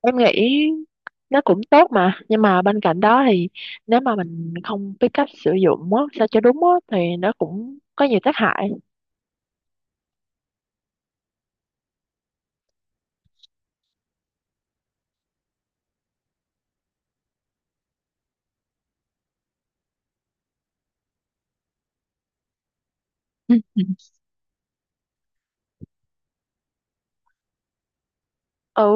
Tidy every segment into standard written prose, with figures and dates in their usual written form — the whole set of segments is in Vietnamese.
Em nghĩ nó cũng tốt mà, nhưng mà bên cạnh đó thì nếu mà mình không biết cách sử dụng á sao cho đúng á thì nó cũng có nhiều tác hại. Ừ. Ừ,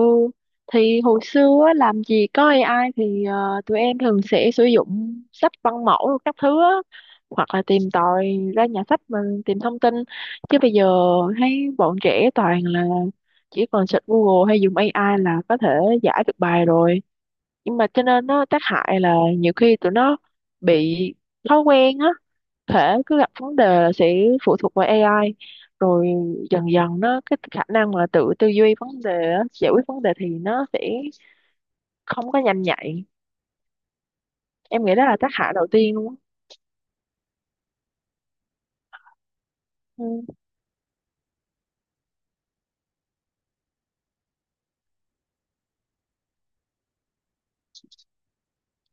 thì hồi xưa á, làm gì có AI thì tụi em thường sẽ sử dụng sách văn mẫu rồi các thứ á, hoặc là tìm tòi ra nhà sách mình tìm thông tin. Chứ bây giờ thấy bọn trẻ toàn là chỉ còn search Google hay dùng AI là có thể giải được bài rồi. Nhưng mà cho nên nó tác hại là nhiều khi tụi nó bị thói quen á, thể cứ gặp vấn đề là sẽ phụ thuộc vào AI, rồi dần dần nó cái khả năng mà tự tư duy vấn đề á, giải quyết vấn đề thì nó sẽ không có nhanh nhạy. Em nghĩ đó là tác hại đầu tiên luôn á. Ừ.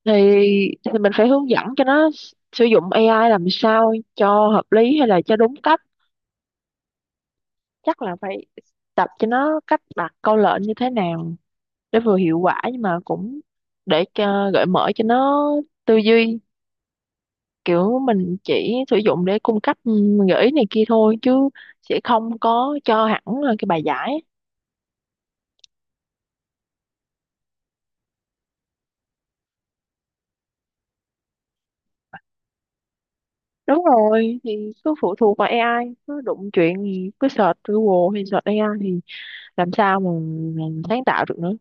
thì thì mình phải hướng dẫn cho nó sử dụng AI làm sao cho hợp lý hay là cho đúng cách. Chắc là phải tập cho nó cách đặt câu lệnh như thế nào để vừa hiệu quả, nhưng mà cũng để cho, gợi mở cho nó tư duy. Kiểu mình chỉ sử dụng để cung cấp gợi ý này kia thôi, chứ sẽ không có cho hẳn là cái bài giải. Đúng rồi, thì cứ phụ thuộc vào AI, cứ đụng chuyện thì cứ search Google hay search AI thì làm sao mà mình sáng tạo được nữa.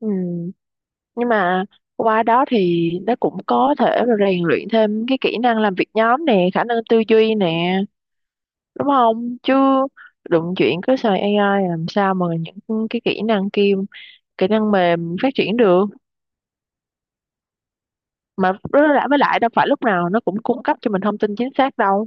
Ừ. Nhưng mà qua đó thì nó cũng có thể là rèn luyện thêm cái kỹ năng làm việc nhóm nè, khả năng tư duy nè, đúng không? Chứ đụng chuyện cứ xài AI làm sao mà những cái kỹ năng kia, kỹ năng mềm phát triển được. Mà với lại đâu phải lúc nào nó cũng cung cấp cho mình thông tin chính xác đâu.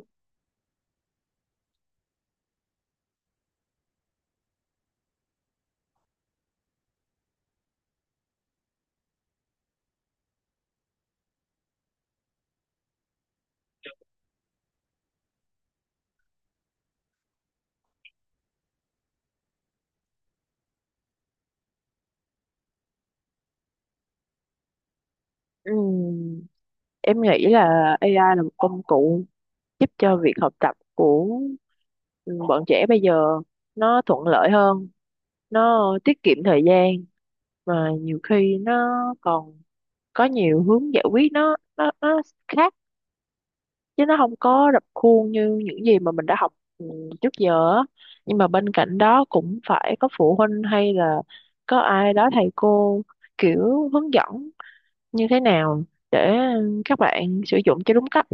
Ừm, em nghĩ là AI là một công cụ giúp cho việc học tập của bọn trẻ bây giờ nó thuận lợi hơn, nó tiết kiệm thời gian, mà nhiều khi nó còn có nhiều hướng giải quyết, nó khác, chứ nó không có rập khuôn như những gì mà mình đã học trước giờ á. Nhưng mà bên cạnh đó cũng phải có phụ huynh hay là có ai đó, thầy cô kiểu hướng dẫn như thế nào để các bạn sử dụng cho đúng cách.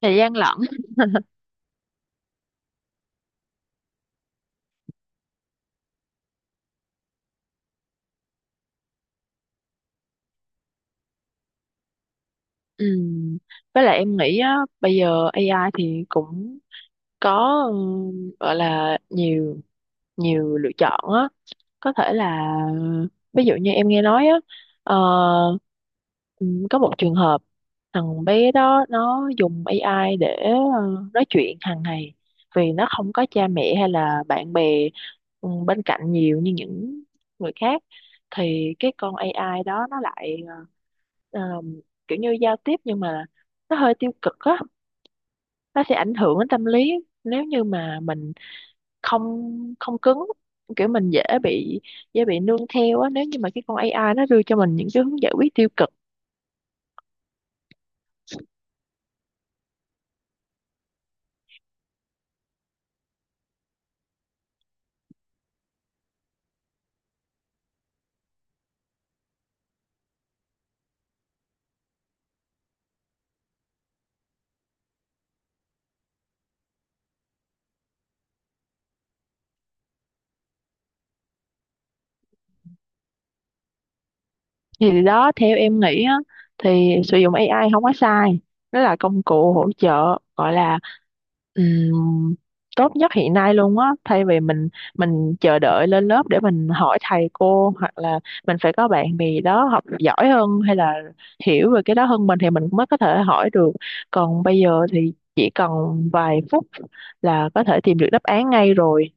Thời gian lận. Ừ. Với lại em nghĩ á, bây giờ AI thì cũng có, gọi là nhiều nhiều lựa chọn á. Có thể là, ví dụ như em nghe nói á, ờ, có một trường hợp thằng bé đó nó dùng AI để nói chuyện hàng ngày, vì nó không có cha mẹ hay là bạn bè bên cạnh nhiều như những người khác. Thì cái con AI đó nó lại ờ, ờm, kiểu như giao tiếp, nhưng mà nó hơi tiêu cực á, nó sẽ ảnh hưởng đến tâm lý nếu như mà mình không, không cứng, kiểu mình dễ bị, nương theo á, nếu như mà cái con AI nó đưa cho mình những cái hướng giải quyết tiêu cực. Thì đó, theo em nghĩ á, thì sử dụng AI không có sai, nó là công cụ hỗ trợ gọi là Ừm, tốt nhất hiện nay luôn á, thay vì mình chờ đợi lên lớp để mình hỏi thầy cô, hoặc là mình phải có bạn bè đó học giỏi hơn hay là hiểu về cái đó hơn mình thì mình mới có thể hỏi được. Còn bây giờ thì chỉ cần vài phút là có thể tìm được đáp án ngay rồi.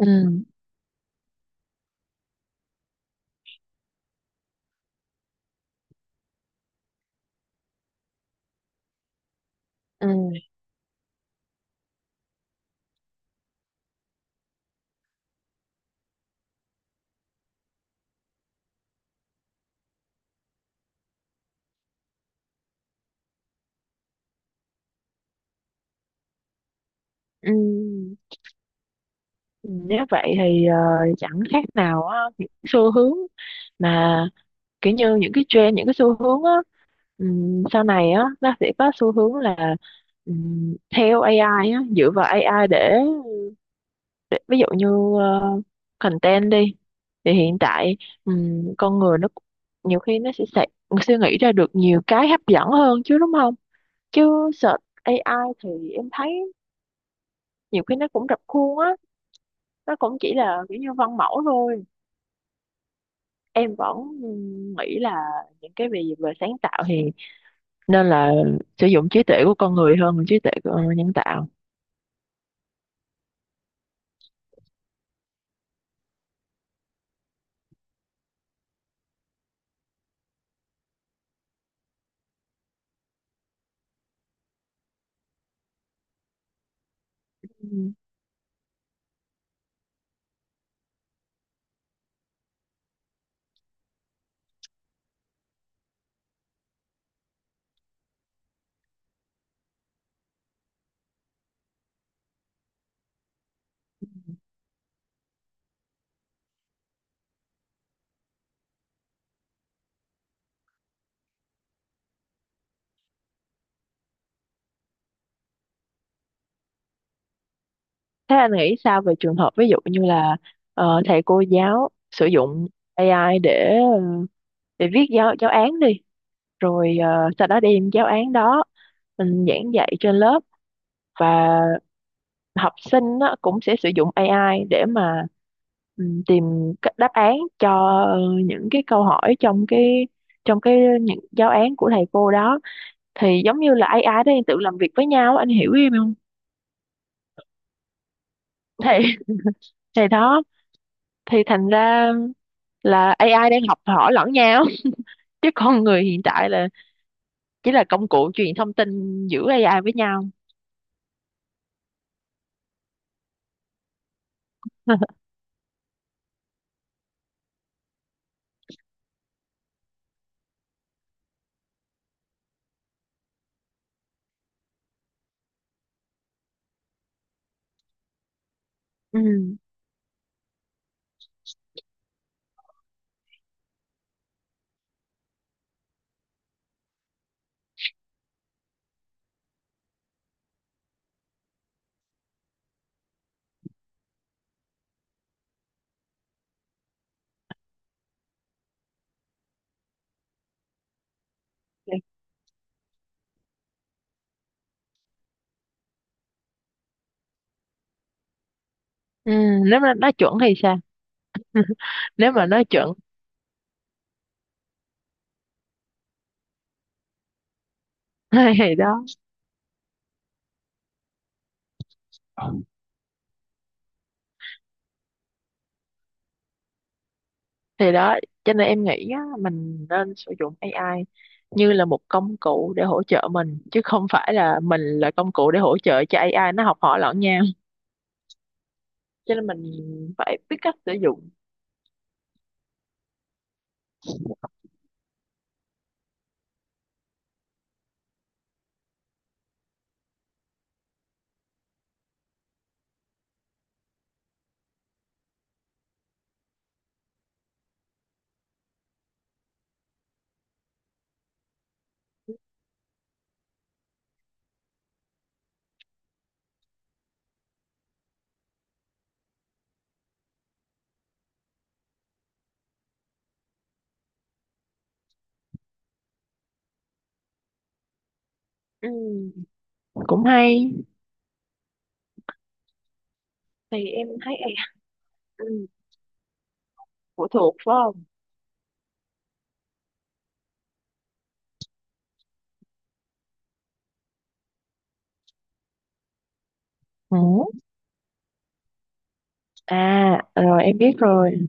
Ừ. Ừ. Ừ, nếu vậy thì chẳng khác nào á, những xu hướng mà kiểu như những cái trend, những cái xu hướng á, sau này á nó sẽ có xu hướng là, theo AI á, dựa vào AI để ví dụ như ờ, content đi, thì hiện tại con người nó nhiều khi nó sẽ suy nghĩ ra được nhiều cái hấp dẫn hơn chứ, đúng không? Chứ search AI thì em thấy nhiều khi nó cũng rập khuôn á, nó cũng chỉ là kiểu như văn mẫu thôi. Em vẫn nghĩ là những cái về về sáng tạo thì nên là sử dụng trí tuệ của con người hơn là trí tuệ của nhân tạo. Thế anh nghĩ sao về trường hợp ví dụ như là thầy cô giáo sử dụng AI để để viết giáo giáo án đi, rồi sau đó đem giáo án đó mình giảng dạy trên lớp, và học sinh á, cũng sẽ sử dụng AI để mà tìm các đáp án cho ờ, những cái câu hỏi trong cái, những giáo án của thầy cô đó, thì giống như là AI đó đang tự làm việc với nhau, anh hiểu em không? Thì thì đó, thì thành ra là AI đang học hỏi lẫn nhau, chứ con người hiện tại là chỉ là công cụ truyền thông tin giữa AI với nhau. Ừ. Ừ. Nếu mà nó chuẩn thì sao? Nếu mà nó chuẩn. Thì đó, thì đó cho nên em nghĩ á, mình nên sử dụng AI như là một công cụ để hỗ trợ mình, chứ không phải là mình là công cụ để hỗ trợ cho AI nó học hỏi lẫn nhau. Cho nên mình phải biết cách sử dụng. Ừ. Cũng hay. Thì em thấy AI, ừ, phụ thuộc phải không? Ừ. À, rồi em biết rồi.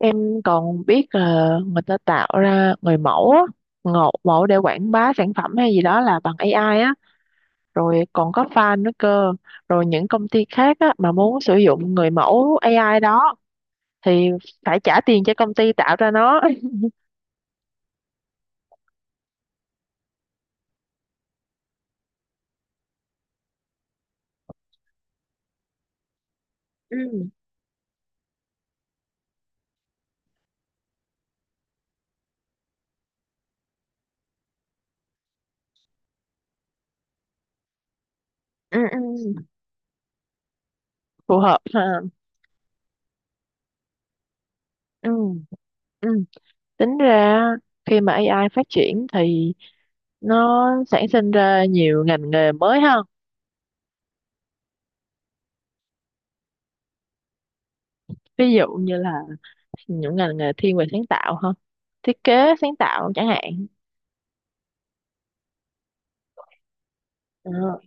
Em còn biết là người ta tạo ra người mẫu á, ngộ mẫu để quảng bá sản phẩm hay gì đó là bằng AI á, rồi còn có fan nữa cơ. Rồi những công ty khác á mà muốn sử dụng người mẫu AI đó thì phải trả tiền cho công ty tạo ra nó. Ừ, ừ, ừ. Phù hợp ha. Ừ, ừ. Tính ra khi mà AI phát triển thì nó sản sinh ra nhiều ngành nghề mới ha. Ví dụ như là những ngành nghề thiên về sáng tạo hơn, thiết kế sáng tạo chẳng hạn. Ờ,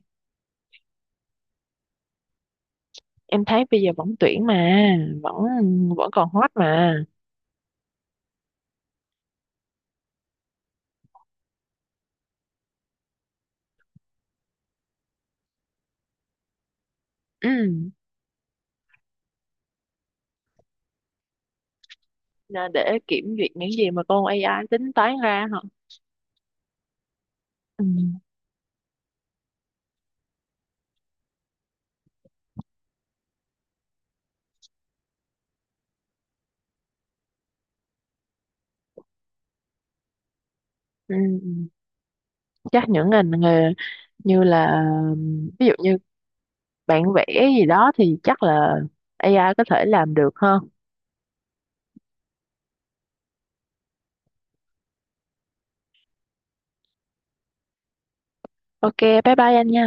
em thấy bây giờ vẫn tuyển mà, vẫn vẫn còn hot mà. Ừ. Nên để kiểm duyệt những gì mà con AI tính toán ra hả? Ừ. Ừ. Ừ, chắc những ngành nghề như là ví dụ như bạn vẽ gì đó thì chắc là AI có thể làm được hơn. OK, bye bye anh nha.